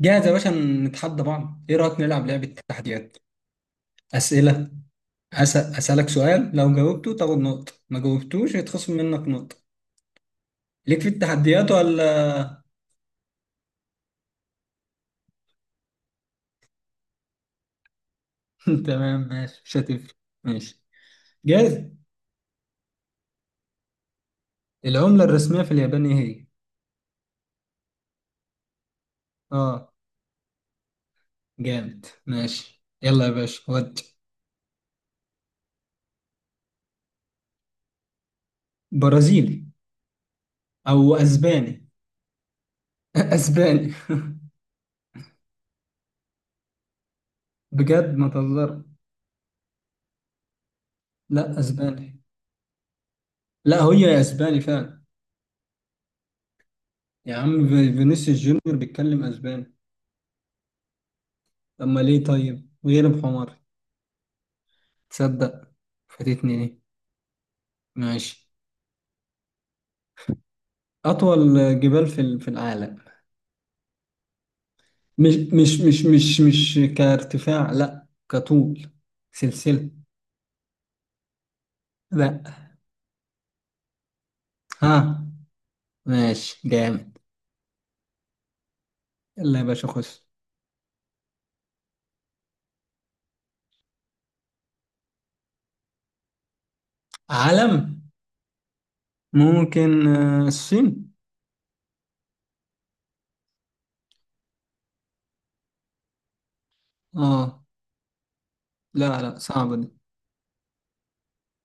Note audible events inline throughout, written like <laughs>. جاهز يا باشا. نتحدى بعض، ايه رأيك نلعب لعبة تحديات؟ أسئلة. أسألك سؤال، لو جاوبته تاخد نقطة، ما جاوبتوش يتخصم منك نقطة. ليك في التحديات ولا؟ <laughs> تمام ماشي، مش هتفرق. ماشي. جاهز. العملة الرسمية في اليابان ايه هي؟ اه. جامد، ماشي يلا يا باشا ودي. برازيلي. او اسباني. <laughs> اسباني. <laughs> بجد ما تهزر. لا اسباني. لا هي اسباني فعلا. يا عم فينيسيوس جونيور بيتكلم اسباني. أما ليه طيب غير بحمار. تصدق، فاتتني دي. ماشي. أطول جبال في في العالم. مش كارتفاع، لا كطول. سلسلة. لا. ها. ماشي جامد. يلا يا باشا خش. علم. ممكن آه، الصين. اه. لا لا، صعبة دي.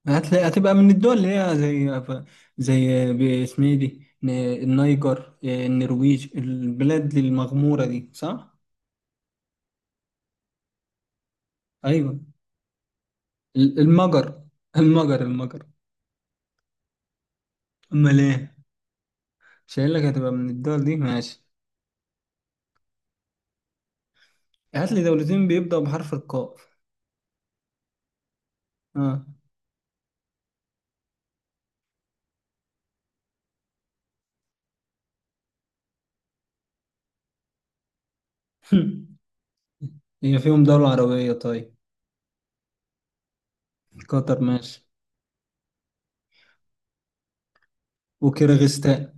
هتلاقي هتبقى من الدول اللي هي زي، زي باسمها دي النيجر آه، النرويج البلاد المغمورة دي صح؟ ايوه. المجر المجر المجر. امال ايه. مش قايل لك هتبقى من الدول دي، ماشي. هات لي دولتين بيبدأوا بحرف القاف. اه. <laughs> هي فيهم دولة عربية طيب. قطر، ماشي. وكيرغستان.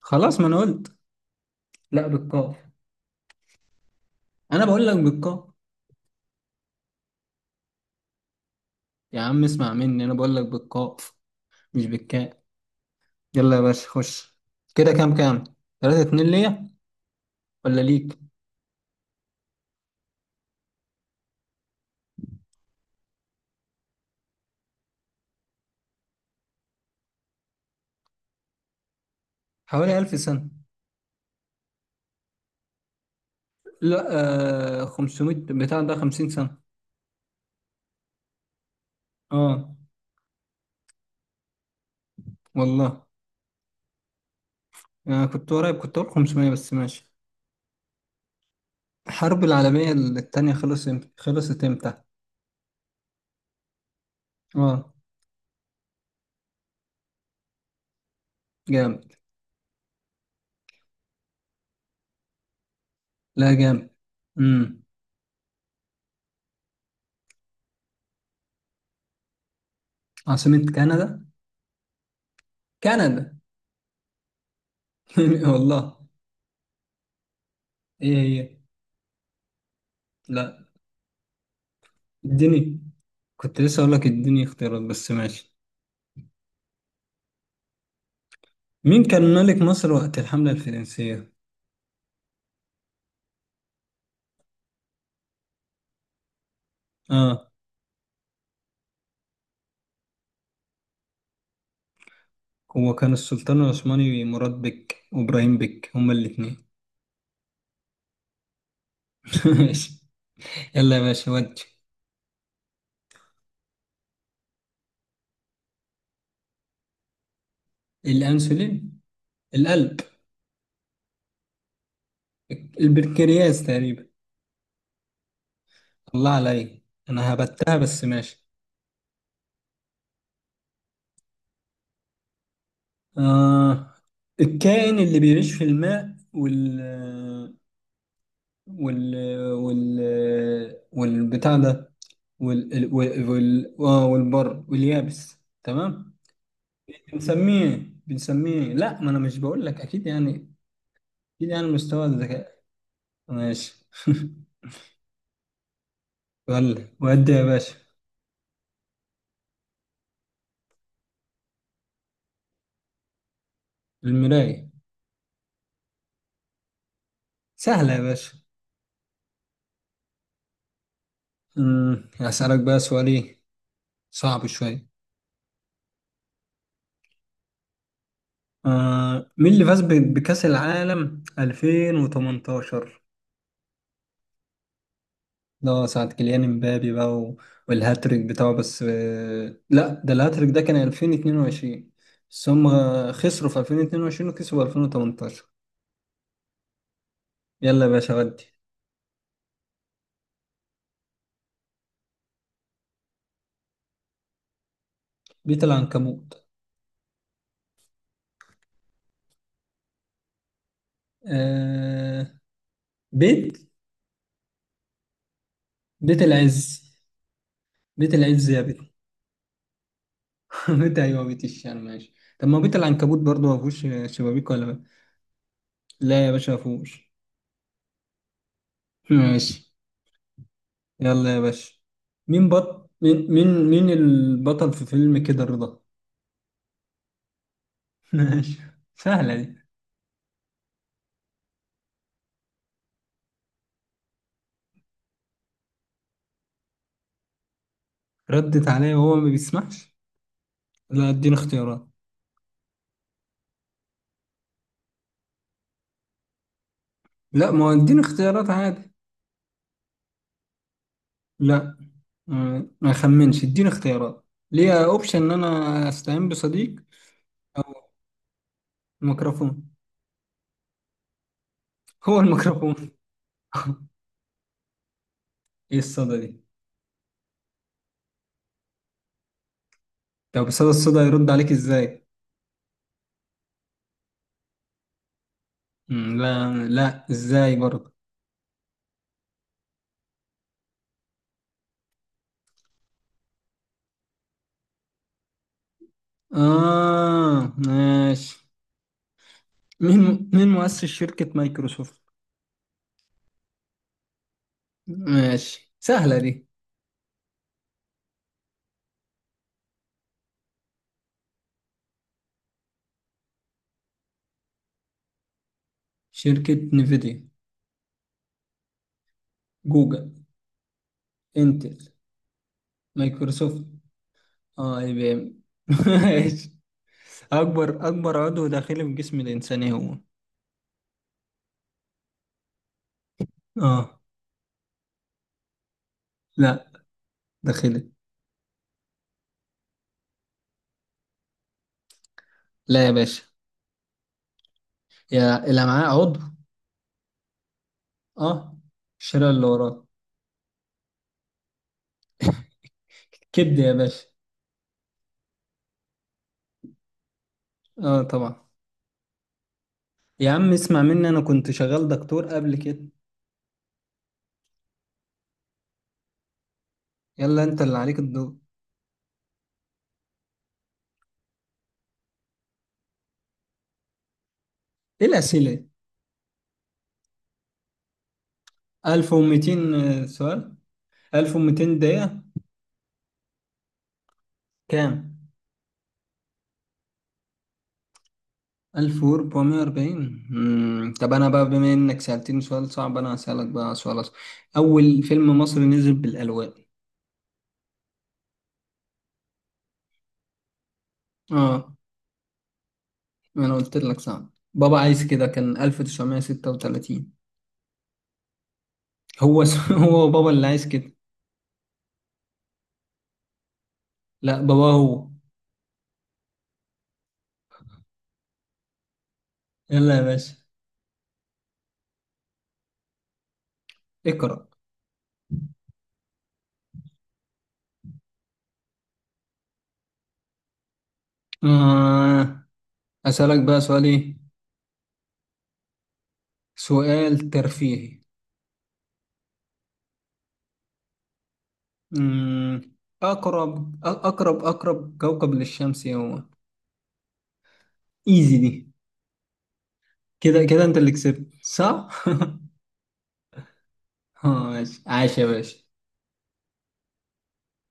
خلاص ما انا قلت. لا بالقاف. انا بقول لك بالقاف. يا عم اسمع مني، انا بقول لك بالقاف مش بالكاء. يلا يا باشا خش. كده كام. 3-2 ليا ولا ليك؟ حوالي 1000 سنة. لا. آه 500، بتاع ده 50 سنة. اه. والله. أنا كنت قريب، كنت أقول 500 بس ماشي. الحرب العالمية التانية خلصت خلصت إمتى؟ آه. جامد. لا جامد. امم. عاصمة كندا؟ كندا. <laughs> والله. إيه هي؟ لا. اديني. كنت لسه أقول لك اديني اختيارات بس ماشي. مين كان ملك مصر وقت الحملة الفرنسية؟ آه. هو كان السلطان العثماني، مراد بك وإبراهيم بك هما الاتنين. <laughs> ماشي. يلا يا باشا ودي. الأنسولين. القلب. البنكرياس تقريبا. الله عليك، انا هبتها بس ماشي. آه. الكائن اللي بيعيش في الماء وال وال والبتاع ده، والبر واليابس تمام. بنسميه لا، ما انا مش بقول لك اكيد يعني. اكيد يعني مستوى الذكاء. ماشي <laughs> ولا وادي يا باشا. المراية. سهلة يا باشا. أمم، هسألك بقى سؤال ايه. صعب شوية. آه مين اللي فاز بكأس العالم 2018؟ ده ساعة كيليان امبابي بقى والهاتريك بتاعه بس، آه لا، ده الهاتريك ده كان 2022. بس هم خسروا في 2022 وكسبوا 2018. يلا يا باشا ودي. بيت العنكبوت. آه. بيت. بيت العز، بيت العز يا بيت. <laughs> بيت، ايوه بيت الشعر، ماشي. طب ما بيت العنكبوت برضه ما فيهوش شبابيك ولا؟ لا يا باشا ما فيهوش. ماشي. يلا يا باشا. مين بط مين مين مين البطل في فيلم كده رضا؟ <laughs> ماشي سهلة دي. ردت عليا وهو ما بيسمعش. لا اديني اختيارات. لا ما هو اديني اختيارات عادي. لا. آه، ما اخمنش اديني اختيارات. ليا اوبشن ان انا استعين بصديق. او. الميكروفون. هو الميكروفون. <laughs> ايه الصدى دي. طب صدى، الصدى يرد عليك ازاي؟ مم، لا لا ازاي برضه. اه ماشي. مين مؤسس شركة مايكروسوفت؟ ماشي سهلة دي. شركة نيفيديا. جوجل. انتل. مايكروسوفت. اه اي بي ام. <laughs> ماشي. اكبر عضو داخلي في جسم الانسان إيه هو؟ اه. لا داخلي. لا يا باشا. يا الامعاء عضو. اه. الشريان اللي وراه. كبد يا باشا. اه طبعا. يا عم اسمع مني، انا كنت شغال دكتور قبل كده. يلا انت اللي عليك الدور. ايه الاسئله. 1200 سؤال. 1200 دقيقة. كام؟ 1440. مم، طب أنا بقى بما إنك سألتني سؤال صعب، أنا هسألك بقى سؤال أصعب. أول فيلم مصري نزل بالألوان. آه. أنا قلت لك صعب، بابا عايز كده، كان 1936. <laughs> هو بابا اللي عايز كده. لا بابا هو. يلا يا باشا. اقرأ. آه. أسألك بقى سؤال إيه؟ سؤال ترفيهي. مم، أقرب كوكب للشمس إيه هو؟ ايزي دي. كده كده انت اللي كسبت صح؟ <laughs> اه ماشي، عاش يا باشا.